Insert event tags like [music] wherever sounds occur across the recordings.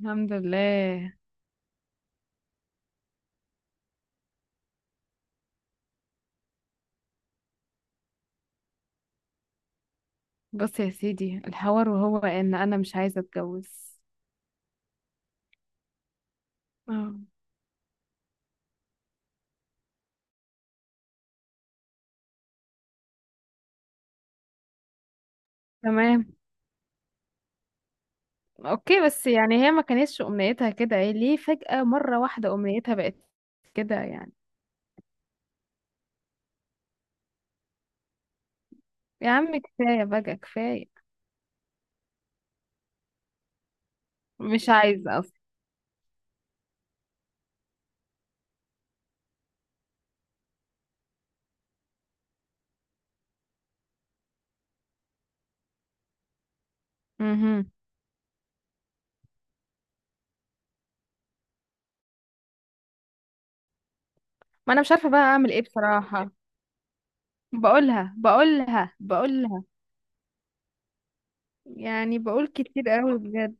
الحمد لله. بص يا سيدي، الحوار وهو ان انا مش عايزه اتجوز. اه، تمام. اوكي، بس يعني هي ما كانتش امنيتها كده، ايه ليه فجأة مرة واحدة امنيتها بقت كده يعني؟ يا عم كفايه بقى كفايه. مش عايزه اصلا. مهم. ما انا مش عارفه بقى اعمل ايه بصراحه. بقولها بقولها بقولها، يعني بقول كتير قوي بجد.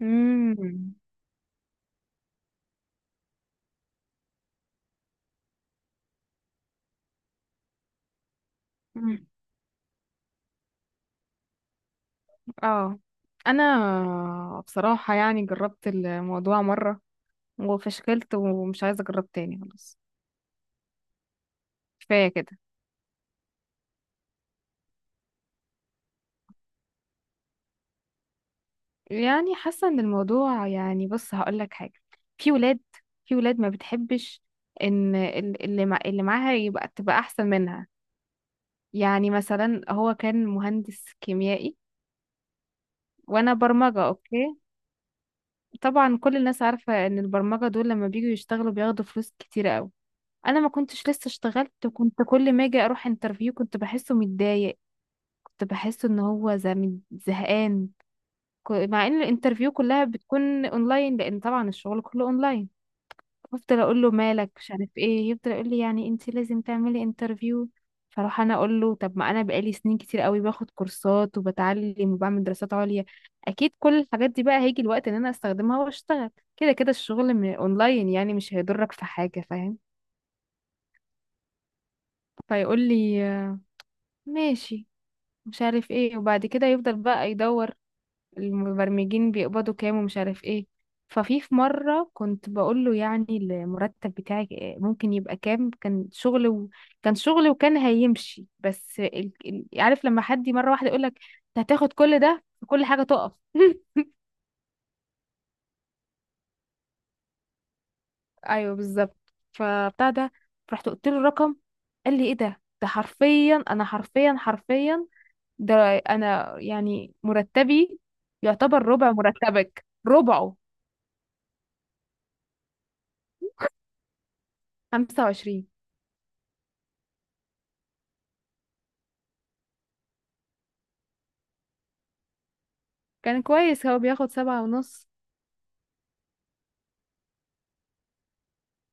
مم. مم. اه. انا بصراحه يعني جربت الموضوع مره وفشكلت ومش عايزة أجرب تاني خلاص. كفاية كده. يعني حاسة إن الموضوع يعني بص هقولك حاجة. في ولاد في ولاد ما بتحبش إن اللي معاها تبقى أحسن منها. يعني مثلا هو كان مهندس كيميائي، وأنا برمجة. أوكي، طبعا كل الناس عارفة إن البرمجة دول لما بييجوا يشتغلوا بياخدوا فلوس كتيرة أوي. أنا ما كنتش لسه اشتغلت، وكنت كل ما أجي أروح انترفيو كنت بحسه متضايق. كنت بحسه إن هو زهقان. مع ان الانترفيو كلها بتكون اونلاين، لان طبعا الشغل كله اونلاين. بفضل اقول له مالك مش عارف ايه، يفضل يقول لي يعني انت لازم تعملي انترفيو. فاروح انا اقول له طب ما انا بقالي سنين كتير قوي باخد كورسات وبتعلم وبعمل دراسات عليا، اكيد كل الحاجات دي بقى هيجي الوقت ان انا استخدمها واشتغل، كده كده الشغل من اونلاين يعني مش هيضرك في حاجة فاهم. فيقول لي ماشي، مش عارف ايه. وبعد كده يفضل بقى يدور المبرمجين بيقبضوا كام ومش عارف ايه. ففي مرة كنت بقول له يعني المرتب بتاعك ممكن يبقى كام، كان شغل كان شغل وكان هيمشي، بس عارف لما حد مرة واحدة يقول لك انت هتاخد كل ده، كل حاجة تقف. [laughs] ايوه بالظبط، فبتاع ده رحت قلت له الرقم. قال لي ايه ده، ده حرفيا، انا حرفيا حرفيا ده، انا يعني مرتبي يعتبر ربع مرتبك، ربعه 25. كان كويس، هو بياخد سبعة ونص.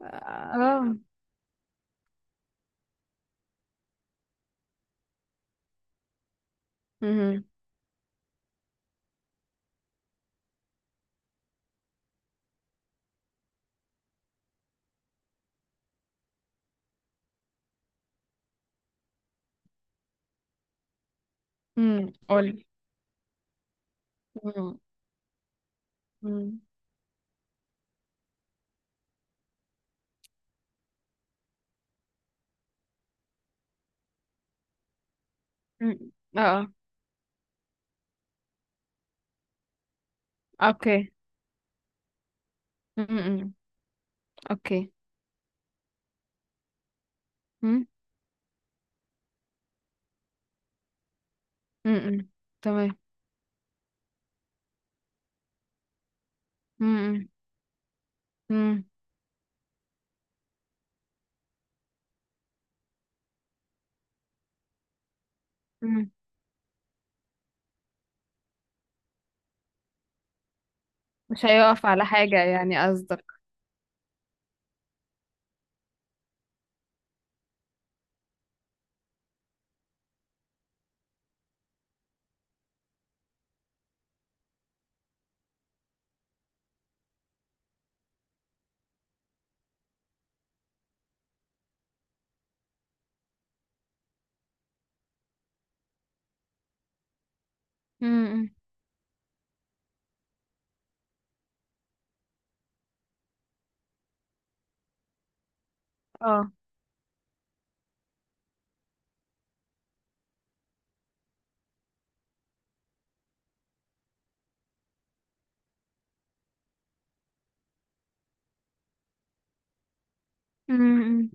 اه. امم. قولي. امم. امم. اه. آه. اوكي. امم. اوكي. امم. امم. تمام. امم. امم. مش هيقف على حاجة يعني قصدك؟ امم. اه. امم.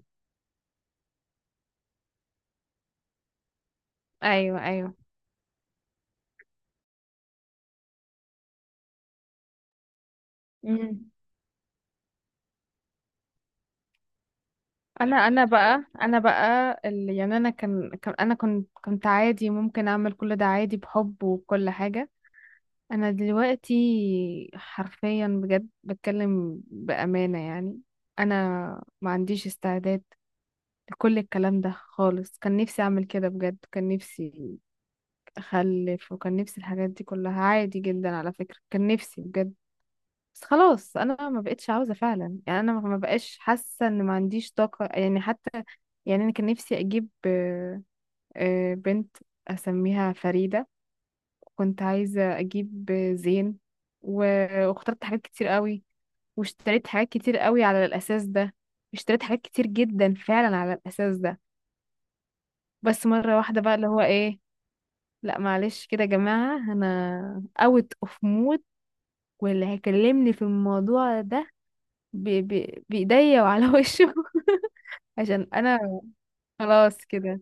ايوه، ايوه. امم. انا بقى انا بقى اللي، يعني انا كان انا كنت عادي، ممكن اعمل كل ده عادي بحب وكل حاجة. انا دلوقتي حرفيا بجد بتكلم بأمانة، يعني انا ما عنديش استعداد لكل الكلام ده خالص. كان نفسي اعمل كده بجد، كان نفسي اخلف، وكان نفسي الحاجات دي كلها عادي جدا على فكرة، كان نفسي بجد. بس خلاص انا ما بقتش عاوزة فعلا، يعني انا ما بقاش حاسة، ان ما عنديش طاقة يعني حتى. يعني انا كان نفسي اجيب بنت اسميها فريدة، كنت عايزة أجيب زين. و- واخترت حاجات كتير قوي، واشتريت حاجات كتير قوي على الأساس ده، اشتريت حاجات كتير جدا فعلا على الأساس ده. بس مرة واحدة بقى اللي هو إيه، لا معلش كده يا جماعة، أنا اوت اوف مود، واللي هيكلمني في الموضوع ده بإيديا وعلى وشه. [laughs] عشان أنا خلاص كده.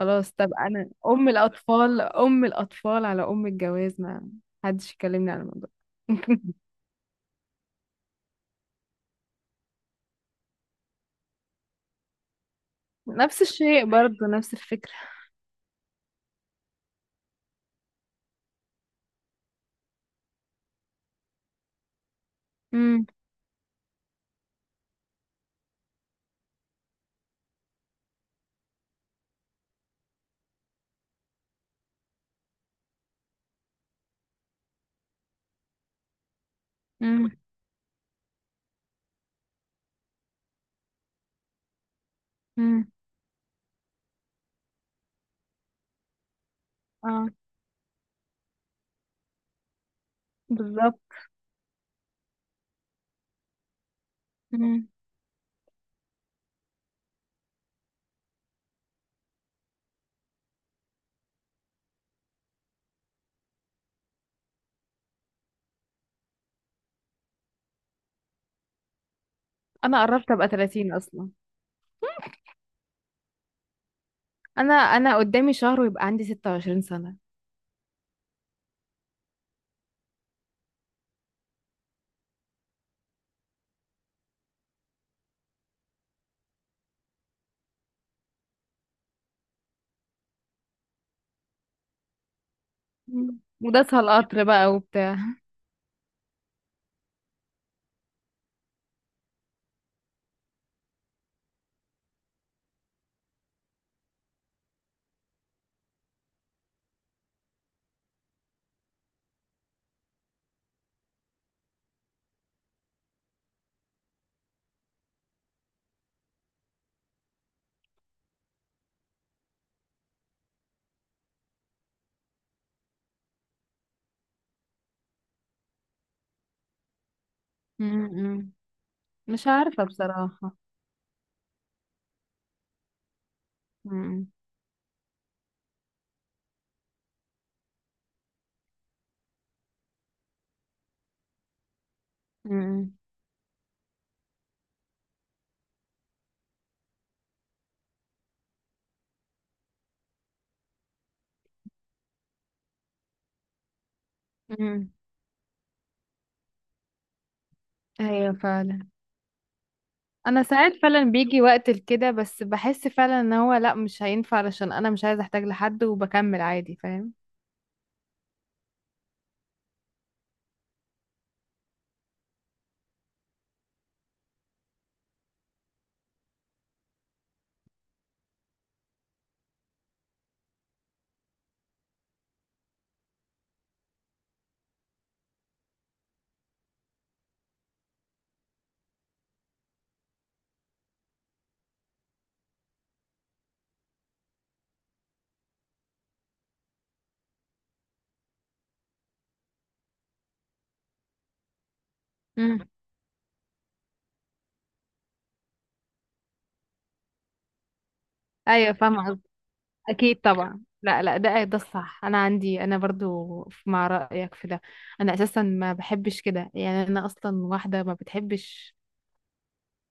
خلاص، طب أنا أم الأطفال أم الأطفال على أم الجواز، ما حدش يكلمني على الموضوع. [laughs] نفس الشيء برضو، نفس الفكرة. امم. امم. امم. اه، بالظبط. امم. انا قربت ابقى 30 اصلا، انا قدامي شهر ويبقى عندي 26 سنة. امم، وداسها القطر بقى وبتاع. امم، مش عارفة بصراحة. امم. امم. امم. ايوه فعلا. انا ساعات فعلا بيجي وقت لكده، بس بحس فعلا ان هو لا مش هينفع، علشان انا مش عايزة احتاج لحد وبكمل عادي فاهم. امم. ايوه، فاهمة. اكيد طبعا، لا لا، ده ده الصح. انا عندي انا برضو مع رايك في ده. انا اساسا ما بحبش كده، يعني انا اصلا واحده ما بتحبش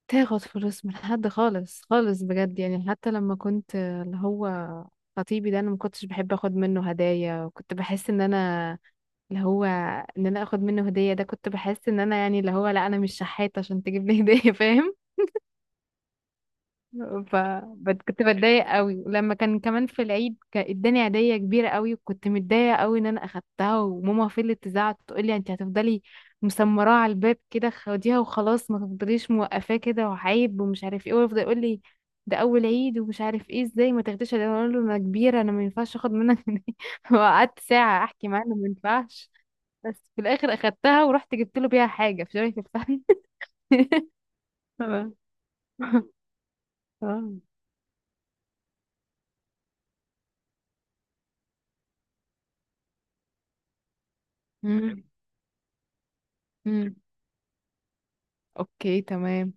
تاخد فلوس من حد خالص خالص بجد. يعني حتى لما كنت اللي هو خطيبي ده، انا ما كنتش بحب اخد منه هدايا، وكنت بحس ان انا اللي هو ان انا اخد منه هديه ده، كنت بحس ان انا يعني اللي هو، لا انا مش شحاته عشان تجيب لي هديه، [laughs] فاهم ف كنت بتضايق قوي. ولما كان كمان في العيد، كان اداني هديه كبيره قوي، وكنت متضايقه قوي ان انا اخدتها، وماما فضلت تزعق تقول لي انت هتفضلي مسمراه على الباب كده، خديها وخلاص، ما تفضليش موقفاه كده وعيب ومش عارف ايه، ويفضل يقول لي ده اول عيد ومش عارف ايه ازاي ما تاخديش هديه. اقول له انا كبيره، انا ما ينفعش اخد منك هدية. [laughs] وقعدت ساعه احكي معاه إنه ما ينفعش. بس في الاخر اخدتها، ورحت جبت له بيها حاجه في شبكه الفن. [laughs] آه. آه. مم. مم. اوكي، تمام.